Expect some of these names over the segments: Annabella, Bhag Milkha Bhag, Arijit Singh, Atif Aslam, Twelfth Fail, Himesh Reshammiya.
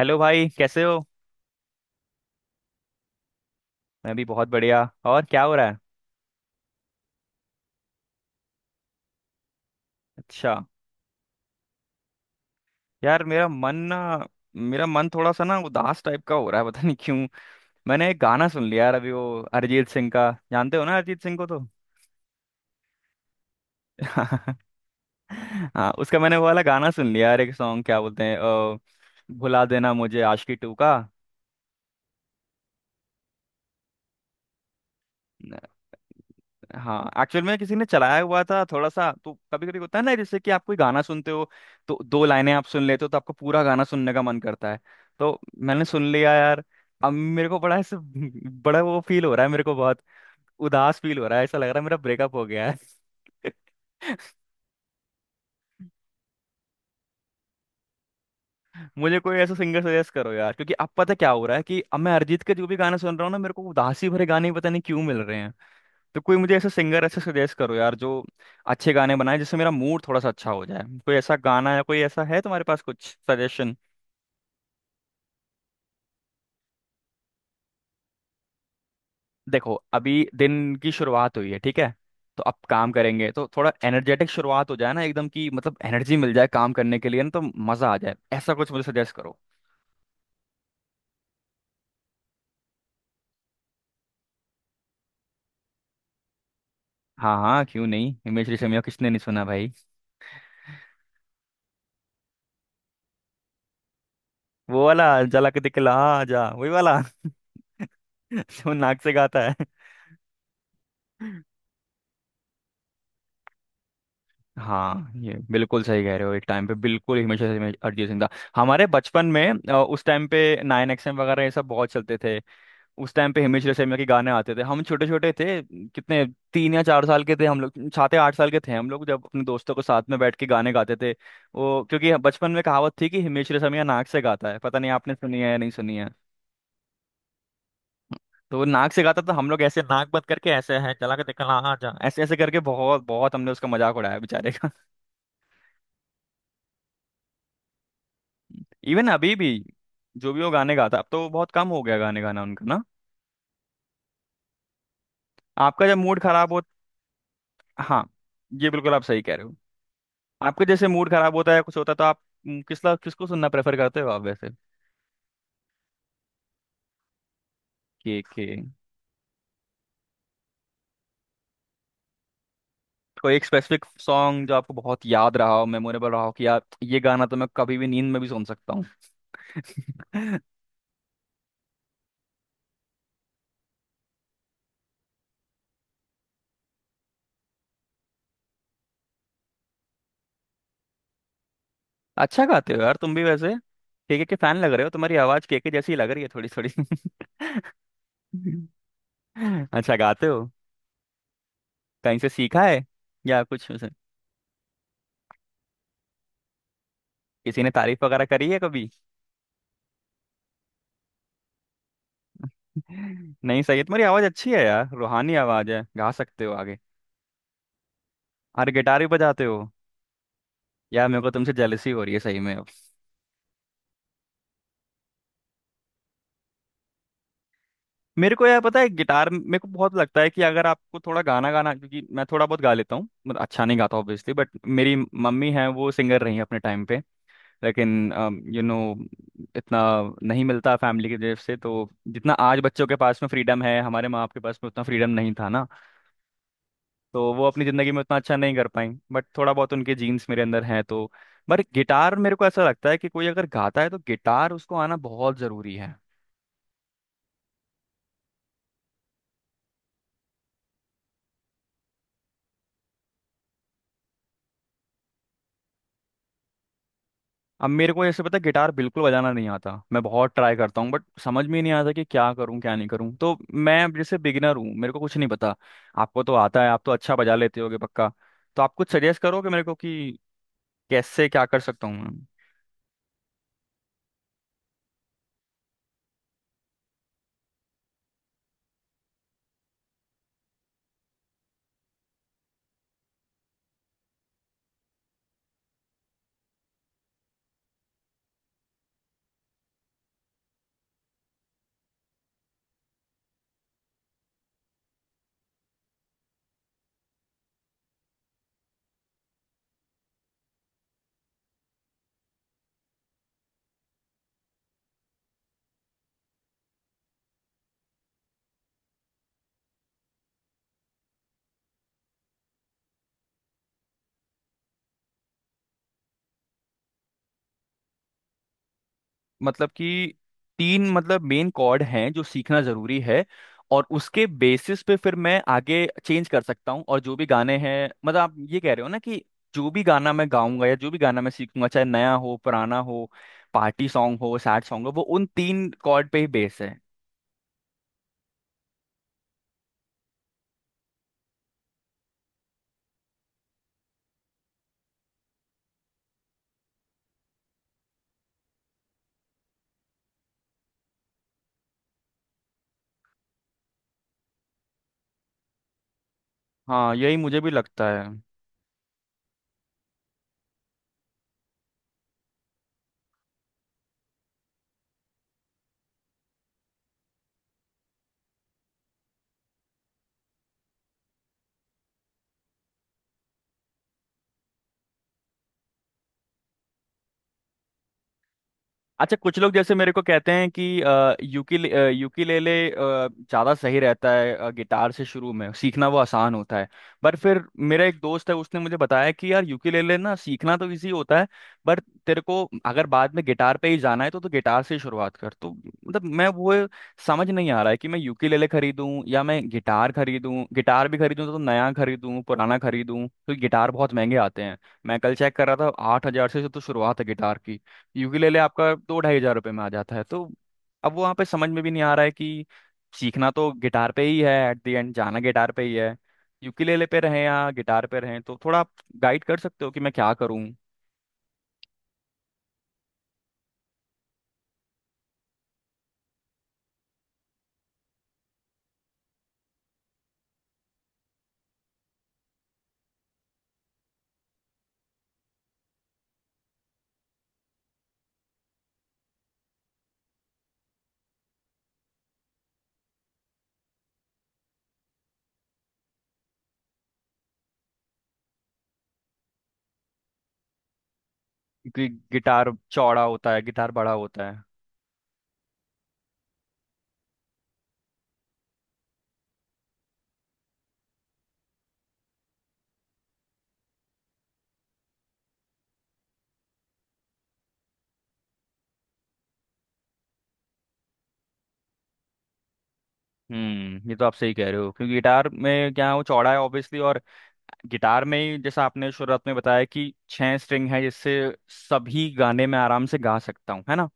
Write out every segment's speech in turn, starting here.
Hello भाई, कैसे हो? मैं भी बहुत बढ़िया। और क्या हो रहा है? अच्छा। यार, मेरा मन थोड़ा सा ना उदास टाइप का हो रहा है। पता नहीं क्यों। मैंने एक गाना सुन लिया यार अभी, वो अरिजीत सिंह का। जानते हो ना अरिजीत सिंह को तो। हाँ, उसका मैंने वो वाला गाना सुन लिया यार, एक सॉन्ग, क्या बोलते हैं भुला देना मुझे, आशिकी टू का। हाँ, एक्चुअल में किसी ने चलाया हुआ था थोड़ा सा, तो कभी कभी होता है ना, जैसे कि आप कोई गाना सुनते हो तो दो लाइनें आप सुन लेते हो तो आपको पूरा गाना सुनने का मन करता है। तो मैंने सुन लिया यार। अब मेरे को बड़ा ऐसे बड़ा वो फील हो रहा है, मेरे को बहुत उदास फील हो रहा है, ऐसा लग रहा है मेरा ब्रेकअप हो गया है। मुझे कोई ऐसा सिंगर सजेस्ट करो यार, क्योंकि अब पता क्या हो रहा है कि अब मैं अरिजीत के जो भी गाने सुन रहा हूँ ना, मेरे को उदासी भरे गाने ही पता नहीं क्यों मिल रहे। तो कोई मुझे ऐसा सिंगर ऐसे सजेस्ट करो यार जो अच्छे गाने बनाए, जिससे मेरा मूड थोड़ा सा अच्छा हो जाए। कोई ऐसा गाना या कोई ऐसा है तुम्हारे पास कुछ सजेशन? देखो, अभी दिन की शुरुआत हुई है, ठीक है, तो अब काम करेंगे तो थोड़ा एनर्जेटिक शुरुआत हो जाए ना एकदम की, मतलब एनर्जी मिल जाए काम करने के लिए ना, तो मजा आ जाए, ऐसा कुछ मुझे सजेस्ट करो। हाँ हाँ, क्यों नहीं, हिमेश रेशमिया को किसने नहीं सुना भाई। वो वाला, जला के दिखला जा, वही वाला, जो नाक से गाता है। हाँ, ये बिल्कुल सही कह रहे हो, एक टाइम पे बिल्कुल, हमेशा से हमेशा अरिजीत सिंह था। हमारे बचपन में, उस टाइम पे 9XM वगैरह ये सब बहुत चलते थे। उस टाइम पे हिमेश रेशमिया के गाने आते थे, हम छोटे छोटे थे। कितने, 3 या 4 साल के थे हम लोग, 7 या 8 साल के थे हम लोग, जब अपने दोस्तों के साथ में बैठ के गाने गाते थे वो। क्योंकि बचपन में कहावत थी कि हिमेश रेशमिया नाक से गाता है, पता नहीं आपने सुनी है या नहीं सुनी है। तो वो नाक से गाता था, तो हम लोग ऐसे नाक बंद करके ऐसे है चला के देखा हाँ हाँ, जा ऐसे ऐसे करके बहुत बहुत हमने उसका मजाक उड़ाया बेचारे। इवन अभी भी जो भी वो गाने गाता, अब तो बहुत कम हो गया गाने गाना उनका ना। आपका जब मूड खराब हो। हाँ, ये बिल्कुल आप सही कह रहे हो। आपका जैसे मूड खराब होता है, कुछ होता है तो आप किसला किसको सुनना प्रेफर करते हो आप वैसे? के के? कोई एक स्पेसिफिक सॉन्ग जो आपको बहुत याद रहा हो, मेमोरेबल रहा हो, कि यार ये गाना तो मैं कभी भी नींद में भी सुन सकता हूँ? अच्छा गाते हो यार तुम भी वैसे। के फैन लग रहे हो, तुम्हारी आवाज के जैसी लग रही है थोड़ी थोड़ी। अच्छा गाते हो, कहीं से सीखा है या कुछ? किसी ने तारीफ वगैरह करी है कभी? नहीं सही है, तुम्हारी आवाज अच्छी है यार, रूहानी आवाज है, गा सकते हो आगे। अरे, गिटार भी बजाते हो? यार, मेरे को तुमसे जेलसी हो रही है सही में अब। मेरे को यार पता है, गिटार मेरे को बहुत लगता है कि अगर आपको थोड़ा गाना गाना, क्योंकि मैं थोड़ा बहुत गा लेता हूँ मतलब, अच्छा नहीं गाता ऑब्वियसली, बट मेरी मम्मी है वो सिंगर रही है अपने टाइम पे। लेकिन यू नो इतना नहीं मिलता फैमिली की तरफ से, तो जितना आज बच्चों के पास में फ्रीडम है, हमारे माँ बाप के पास में उतना फ्रीडम नहीं था ना। तो वो अपनी ज़िंदगी में उतना अच्छा नहीं कर पाई, बट थोड़ा बहुत उनके जीन्स मेरे अंदर हैं तो। पर गिटार, मेरे को ऐसा लगता है कि कोई अगर गाता है तो गिटार उसको आना बहुत ज़रूरी है। अब मेरे को ऐसे पता है, गिटार बिल्कुल बजाना नहीं आता, मैं बहुत ट्राई करता हूँ बट समझ में ही नहीं आता कि क्या करूँ क्या नहीं करूँ, तो मैं अब जैसे बिगिनर हूँ, मेरे को कुछ नहीं पता। आपको तो आता है, आप तो अच्छा बजा लेते होगे पक्का। तो आप कुछ सजेस्ट करो कि मेरे को कि कैसे क्या कर सकता हूँ। मतलब कि तीन, मतलब मेन कॉर्ड हैं जो सीखना जरूरी है, और उसके बेसिस पे फिर मैं आगे चेंज कर सकता हूँ, और जो भी गाने हैं, मतलब आप ये कह रहे हो ना कि जो भी गाना मैं गाऊंगा या जो भी गाना मैं सीखूंगा, चाहे नया हो पुराना हो, पार्टी सॉन्ग हो सैड सॉन्ग हो, वो उन तीन कॉर्ड पे ही बेस है? हाँ, यही मुझे भी लगता है। अच्छा, कुछ लोग जैसे मेरे को कहते हैं कि यूकिल यूकिलेले ज़्यादा सही रहता है, गिटार से शुरू में सीखना वो आसान होता है। पर फिर मेरा एक दोस्त है, उसने मुझे बताया कि यार, यूकिलेले ना सीखना तो इजी होता है, पर तेरे को अगर बाद में गिटार पे ही जाना है तो गिटार से ही शुरुआत कर। तो मतलब, मैं वो समझ नहीं आ रहा है कि मैं यूकिलेले खरीदूं या मैं गिटार खरीदूं, गिटार भी खरीदूं तो नया खरीदूं पुराना खरीदूं? तो गिटार बहुत महंगे आते हैं, मैं कल चेक कर रहा था, 8 हजार से तो शुरुआत है गिटार की। यूकेलेले आपका 2 ढाई हजार रुपये में आ जाता है, तो अब वहाँ पे समझ में भी नहीं आ रहा है कि, सीखना तो गिटार पे ही है, एट द एंड जाना गिटार पे ही है, यूकेलेले पे रहें या गिटार पे रहें। तो थोड़ा आप गाइड कर सकते हो कि मैं क्या करूँ। क्योंकि गिटार चौड़ा होता है, गिटार बड़ा होता है। हम्म, ये तो आप सही कह रहे हो, क्योंकि गिटार में क्या है, वो चौड़ा है ऑब्वियसली, और गिटार में ही जैसा आपने शुरुआत में बताया कि 6 स्ट्रिंग है, जिससे सभी गाने में आराम से गा सकता हूँ, है ना।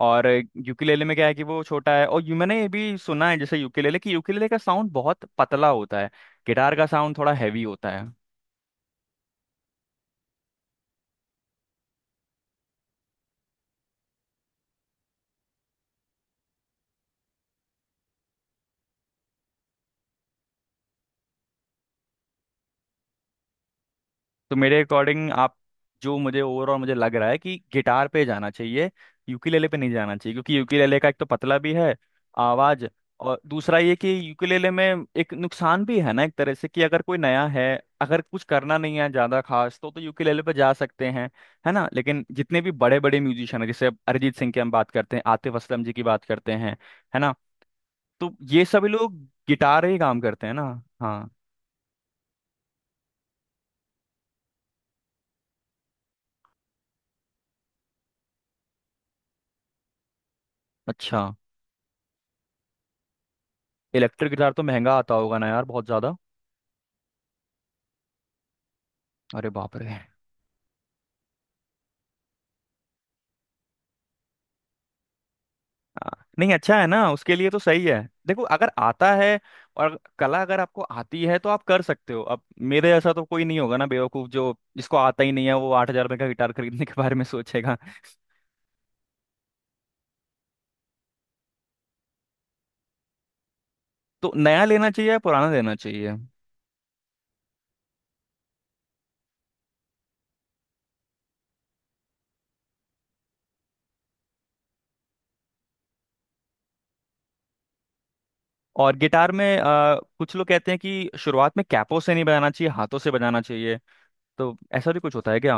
और यूकेलेले में क्या है कि वो छोटा है, और यू मैंने ये भी सुना है जैसे यूकेलेले, कि यूकेलेले का साउंड बहुत पतला होता है, गिटार का साउंड थोड़ा हैवी होता है। तो मेरे अकॉर्डिंग आप, जो मुझे ओवरऑल मुझे लग रहा है कि गिटार पे जाना चाहिए, यूकेलेले पे नहीं जाना चाहिए, क्योंकि यूकेलेले का एक तो पतला भी है आवाज, और दूसरा ये कि यूकेलेले में एक नुकसान भी है ना एक तरह से, कि अगर कोई नया है, अगर कुछ करना नहीं है ज्यादा खास तो यूकेलेले पे जा सकते हैं, है ना। लेकिन जितने भी बड़े बड़े म्यूजिशियन हैं, जैसे अब अरिजीत सिंह की हम बात करते हैं, आतिफ असलम जी की बात करते हैं, है ना, तो ये सभी लोग गिटार ही काम करते हैं ना। हाँ। अच्छा, इलेक्ट्रिक गिटार तो महंगा आता होगा ना यार, बहुत ज्यादा। अरे बाप रे। हाँ, नहीं, अच्छा है ना उसके लिए तो, सही है। देखो, अगर आता है और कला अगर आपको आती है तो आप कर सकते हो। अब मेरे जैसा तो कोई नहीं होगा ना बेवकूफ, जो जिसको आता ही नहीं है वो 8 हजार रुपये का गिटार खरीदने के बारे में सोचेगा। तो नया लेना चाहिए या पुराना लेना चाहिए? और गिटार में कुछ लोग कहते हैं कि शुरुआत में कैपो से नहीं बजाना चाहिए, हाथों से बजाना चाहिए। तो ऐसा भी कुछ होता है क्या?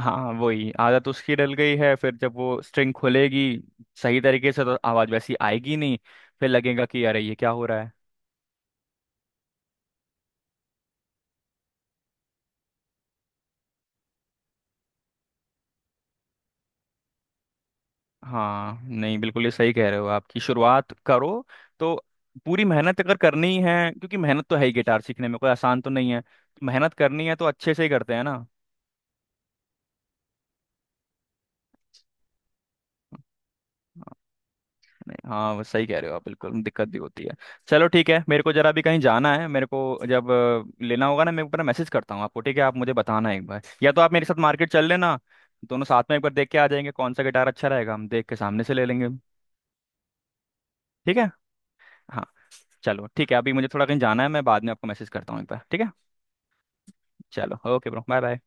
हाँ, वही आदत उसकी डल गई है, फिर जब वो स्ट्रिंग खुलेगी सही तरीके से तो आवाज वैसी आएगी नहीं, फिर लगेगा कि अरे ये क्या हो रहा है। हाँ नहीं, बिल्कुल ये सही कह रहे हो, आपकी शुरुआत करो तो पूरी मेहनत अगर करनी है, क्योंकि मेहनत तो है ही गिटार सीखने में, कोई आसान तो नहीं है। मेहनत करनी है तो अच्छे से ही करते हैं ना। नहीं, हाँ, वो सही कह रहे हो आप बिल्कुल, दिक्कत भी होती है। चलो ठीक है, मेरे को जरा भी कहीं जाना है, मेरे को जब लेना होगा ना मैं ऊपर मैसेज करता हूँ आपको, ठीक है। आप मुझे बताना एक बार, या तो आप मेरे साथ मार्केट चल लेना, दोनों साथ में एक बार देख के आ जाएंगे, कौन सा गिटार अच्छा रहेगा हम देख के सामने से ले लेंगे। ठीक है। हाँ। चलो ठीक है, अभी मुझे थोड़ा कहीं जाना है, मैं बाद में आपको मैसेज करता हूँ एक बार, ठीक है। चलो, ओके ब्रो, बाय बाय।